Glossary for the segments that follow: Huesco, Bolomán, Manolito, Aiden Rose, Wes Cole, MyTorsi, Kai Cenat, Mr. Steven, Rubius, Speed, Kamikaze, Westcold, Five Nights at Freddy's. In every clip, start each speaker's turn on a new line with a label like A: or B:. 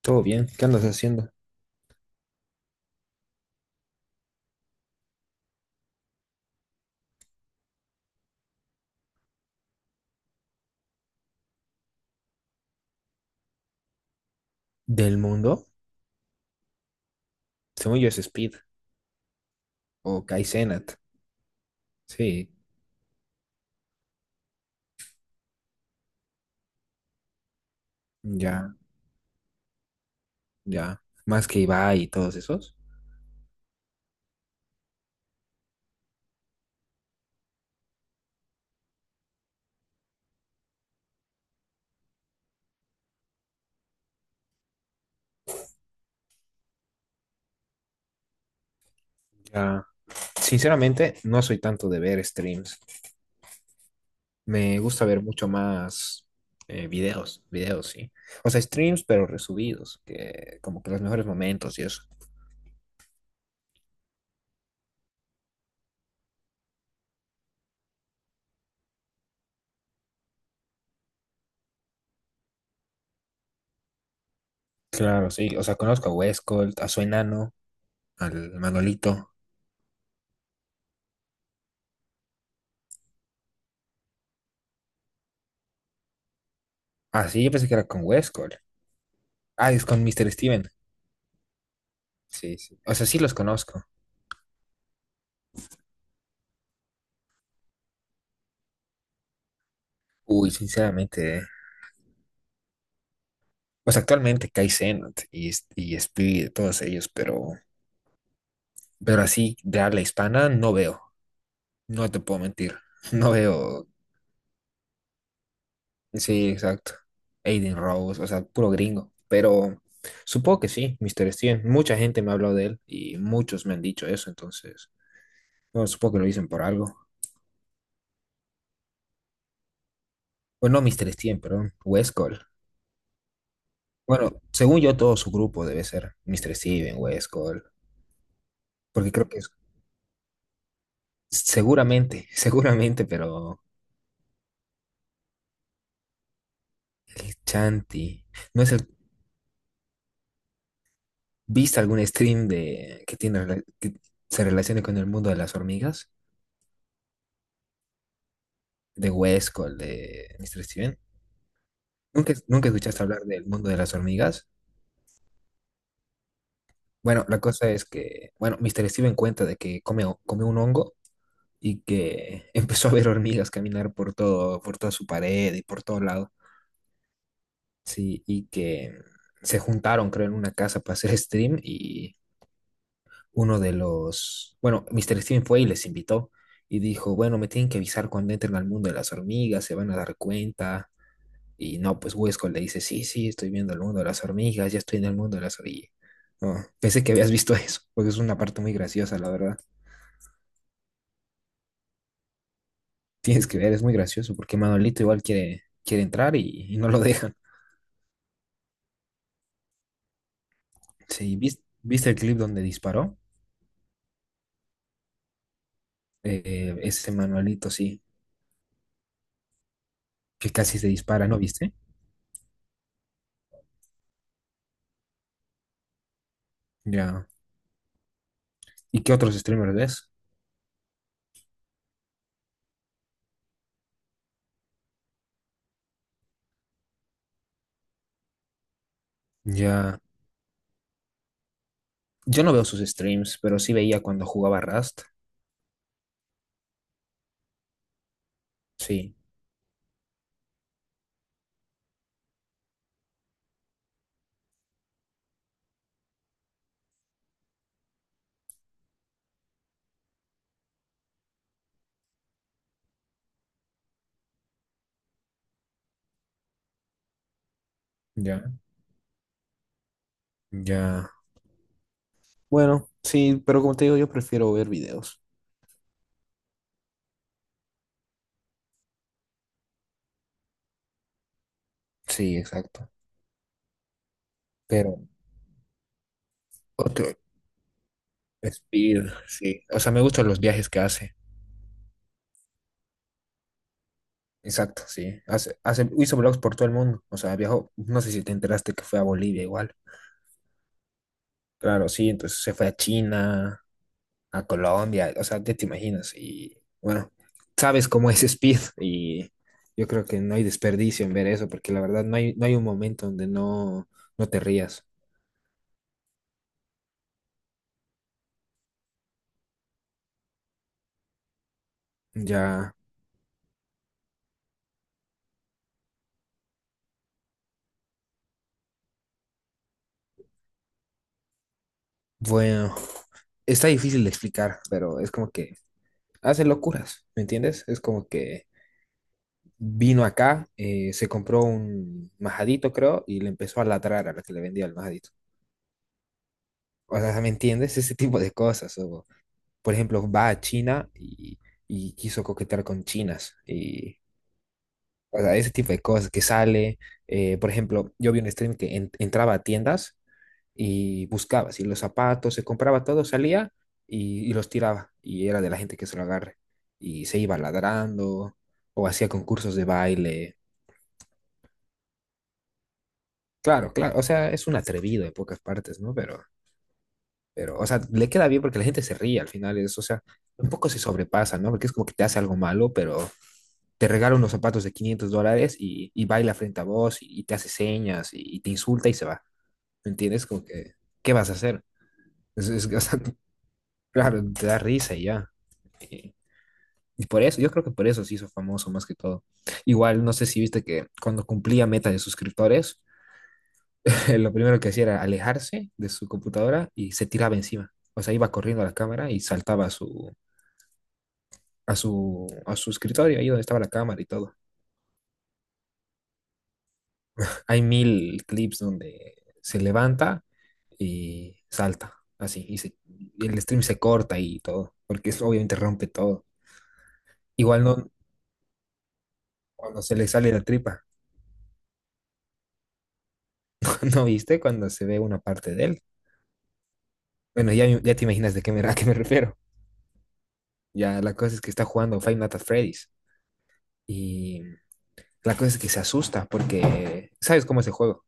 A: Todo bien, ¿qué andas haciendo? ¿Del mundo? Según yo es Speed o Kai Kaizenat. Sí, ya, ya. Más que Ibai y todos esos. Ya. Sinceramente, no soy tanto de ver streams. Me gusta ver mucho más videos, sí. O sea, streams, pero resubidos, que como que los mejores momentos y eso. Claro, sí. O sea, conozco a Westcold, a su enano, al Manolito. Ah, sí, yo pensé que era con Westcold. Ah, es con Mr. Steven. Sí, sí. O sea, sí los conozco. Uy, sinceramente. Pues actualmente Kai Cenat y Speed, todos ellos, pero así de habla hispana no veo, no te puedo mentir, no veo, sí, exacto, Aiden Rose, o sea, puro gringo, pero supongo que sí, Mr. Steven, mucha gente me ha hablado de él y muchos me han dicho eso, entonces, bueno, supongo que lo dicen por algo, bueno, no Mr. Steven, perdón, Wes Cole, bueno, según yo todo su grupo debe ser Mr. Steven, Wes Cole, porque creo que es, seguramente, seguramente, pero... El Chanti. ¿No es el... ¿Viste algún stream de que tiene que se relacione con el mundo de las hormigas? De Huesco, el de Mr. Steven. ¿Nunca, nunca escuchaste hablar del mundo de las hormigas? Bueno, la cosa es que, bueno, Mr. Steven cuenta de que come un hongo y que empezó a ver hormigas caminar por todo, por toda su pared y por todo lado. Sí, y que se juntaron, creo, en una casa para hacer stream y uno de los, bueno, Mr. Steven fue y les invitó y dijo, bueno, me tienen que avisar cuando entren al mundo de las hormigas, se van a dar cuenta. Y no, pues Huesco le dice, sí, sí, estoy viendo el mundo de las hormigas, ya estoy en el mundo de las hormigas. No, pensé que habías visto eso, porque es una parte muy graciosa, la verdad. Tienes que ver, es muy gracioso, porque Manolito igual quiere entrar y no lo dejan. Sí, ¿viste el clip donde disparó? Ese Manolito, sí, que casi se dispara, ¿no viste? Ya. ¿Y qué otros streamers ves? Ya. Yo no veo sus streams, pero sí veía cuando jugaba Rust. Sí, ya, ya. Bueno, sí, pero como te digo, yo prefiero ver videos. Sí, exacto. Pero otro Speed, sí. O sea, me gustan los viajes que hace. Exacto, sí. Hizo vlogs por todo el mundo. O sea, viajó, no sé si te enteraste que fue a Bolivia igual. Claro, sí, entonces se fue a China, a Colombia, o sea, ya te imaginas. Y bueno, sabes cómo es Speed y yo creo que no hay desperdicio en ver eso, porque la verdad no hay un momento donde no, no te rías. Ya, bueno, está difícil de explicar, pero es como que hace locuras, ¿me entiendes? Es como que vino acá, se compró un majadito, creo, y le empezó a ladrar a la que le vendía el majadito. O sea, ¿me entiendes? Ese tipo de cosas. O, por ejemplo, va a China y quiso coquetear con chinas. Y, o sea, ese tipo de cosas que sale. Por ejemplo, yo vi un stream que entraba a tiendas y buscaba, si los zapatos, se compraba todo, salía y los tiraba. Y era de la gente que se lo agarre. Y se iba ladrando o hacía concursos de baile. Claro, claro, o sea, es un atrevido en pocas partes, ¿no? Pero, o sea, le queda bien porque la gente se ríe al final, o sea, un poco se sobrepasa, ¿no? Porque es como que te hace algo malo, pero te regala unos zapatos de $500 y baila frente a vos y te hace señas y te insulta y se va. ¿Me entiendes? Como que, ¿qué vas a hacer? Es bastante, claro, te da risa y ya. Y, y por eso, yo creo que por eso se hizo famoso más que todo. Igual, no sé si viste que cuando cumplía meta de suscriptores, lo primero que hacía era alejarse de su computadora y se tiraba encima. O sea, iba corriendo a la cámara y saltaba a su, escritorio, ahí donde estaba la cámara y todo. Hay mil clips donde se levanta y salta, así, y el stream se corta y todo, porque eso obviamente rompe todo. Igual no cuando se le sale la tripa, ¿no viste? Cuando se ve una parte de él. Bueno, ya, ya te imaginas a qué me refiero. Ya la cosa es que está jugando Five Nights at Freddy's y la cosa es que se asusta porque, ¿sabes cómo es el juego?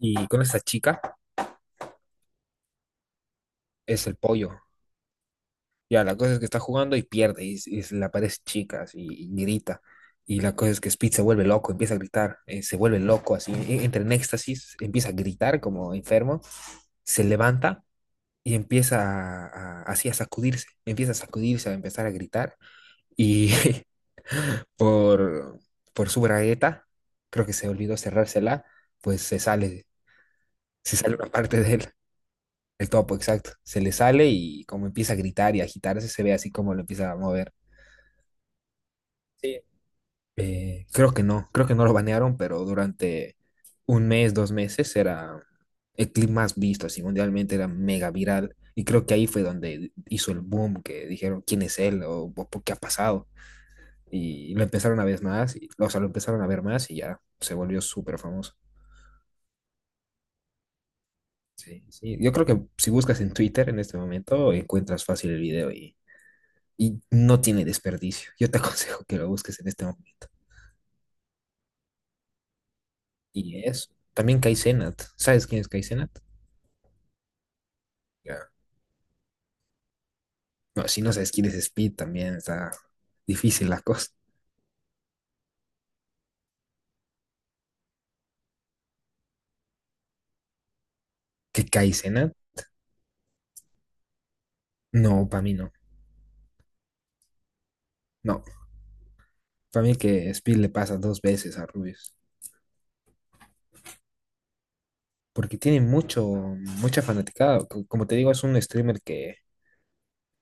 A: Y con esa chica es el pollo, ya, la cosa es que está jugando y pierde, y se le aparece chicas y grita. Y la cosa es que Speed se vuelve loco, empieza a gritar, se vuelve loco, así, entra en éxtasis, empieza a gritar como enfermo, se levanta y empieza así a sacudirse, empieza a sacudirse, a empezar a gritar. Y por, por su bragueta, creo que se olvidó cerrársela, pues se sale una parte de él, el topo, exacto. Se le sale y como empieza a gritar y a agitarse, se ve así como lo empieza a mover. Sí. Creo que no, creo que no lo banearon, pero durante un mes, dos meses era el clip más visto, así mundialmente era mega viral. Y creo que ahí fue donde hizo el boom, que dijeron quién es él o por qué ha pasado. Y lo empezaron a ver más, y, o sea, lo empezaron a ver más y ya se volvió súper famoso. Sí, sí. Yo creo que si buscas en Twitter en este momento, encuentras fácil el video y no tiene desperdicio. Yo te aconsejo que lo busques en este momento. Y eso. También Kai Cenat. ¿Sabes quién es Kai Cenat? No, si no sabes quién es Speed, también está difícil la cosa. ¿Que Kaizena? No, para mí no. No, para mí que Speed le pasa dos veces a Rubius. Porque tiene mucho, mucha fanaticada. Como te digo, es un streamer que,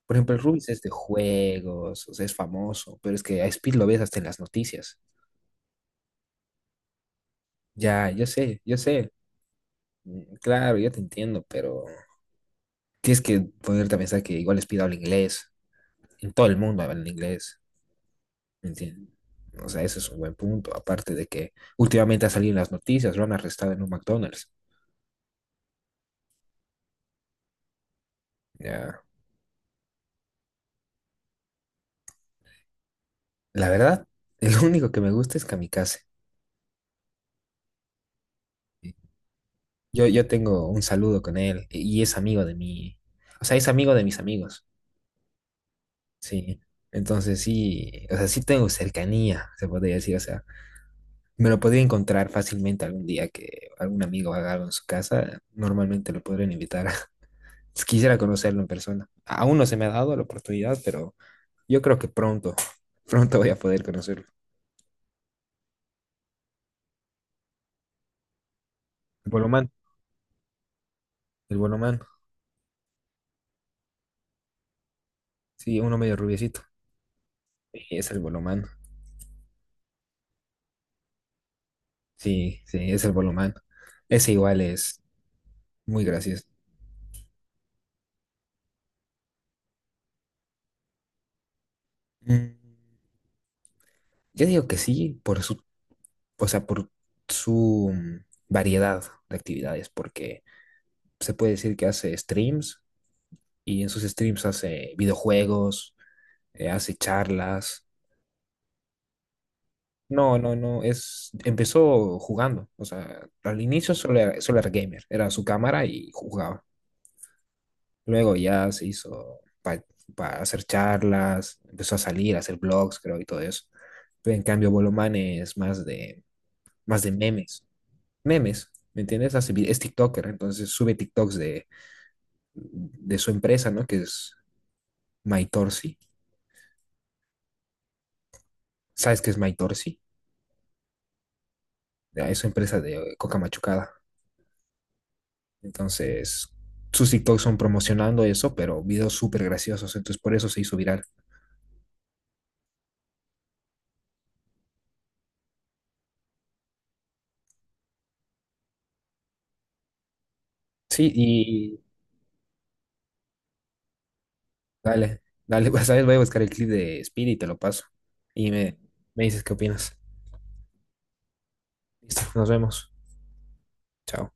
A: por ejemplo, el Rubius es de juegos, o sea, es famoso, pero es que a Speed lo ves hasta en las noticias. Ya, yo sé, yo sé. Mm, claro, yo te entiendo, pero tienes que ponerte a pensar que igual Speed habla inglés. En todo el mundo habla inglés. ¿Me entiendes? O sea, ese es un buen punto. Aparte de que últimamente ha salido en las noticias, lo han arrestado en un McDonald's. Ya. La verdad, el único que me gusta es Kamikaze. Yo tengo un saludo con él y es amigo de mi, o sea, es amigo de mis amigos, sí. Entonces sí, o sea, sí tengo cercanía, se podría decir, o sea, me lo podría encontrar fácilmente algún día que algún amigo haga algo en su casa, normalmente lo podrían invitar. Quisiera conocerlo en persona. Aún no se me ha dado la oportunidad, pero. yo creo que pronto, pronto voy a poder conocerlo. El Bolomán, el Bolomán. Sí, uno medio rubiecito. Sí, es el Bolomán. Sí, sí, es el Bolomán. Ese igual es muy gracioso. Mm, Yo digo que sí, por su, o sea, por su variedad de actividades, porque se puede decir que hace streams y en sus streams hace videojuegos, hace charlas. No, no, no, empezó jugando, o sea, al inicio solo era gamer, era su cámara y jugaba. Luego ya se hizo para hacer charlas, empezó a salir, a hacer blogs, creo, y todo eso. Pero en cambio, Bolomán es más de memes, memes, ¿me entiendes? Hace es TikToker, entonces sube TikToks de su empresa, ¿no? Que es MyTorsi. ¿Sabes qué es MyTorsi? Ya, es su empresa de coca machucada. Entonces, sus TikToks son promocionando eso, pero videos súper graciosos, entonces por eso se hizo viral. Sí, y dale, dale, pues, ¿sabes? Voy a buscar el clip de Speedy y te lo paso. Y me dices qué opinas. Listo, nos vemos. Chao.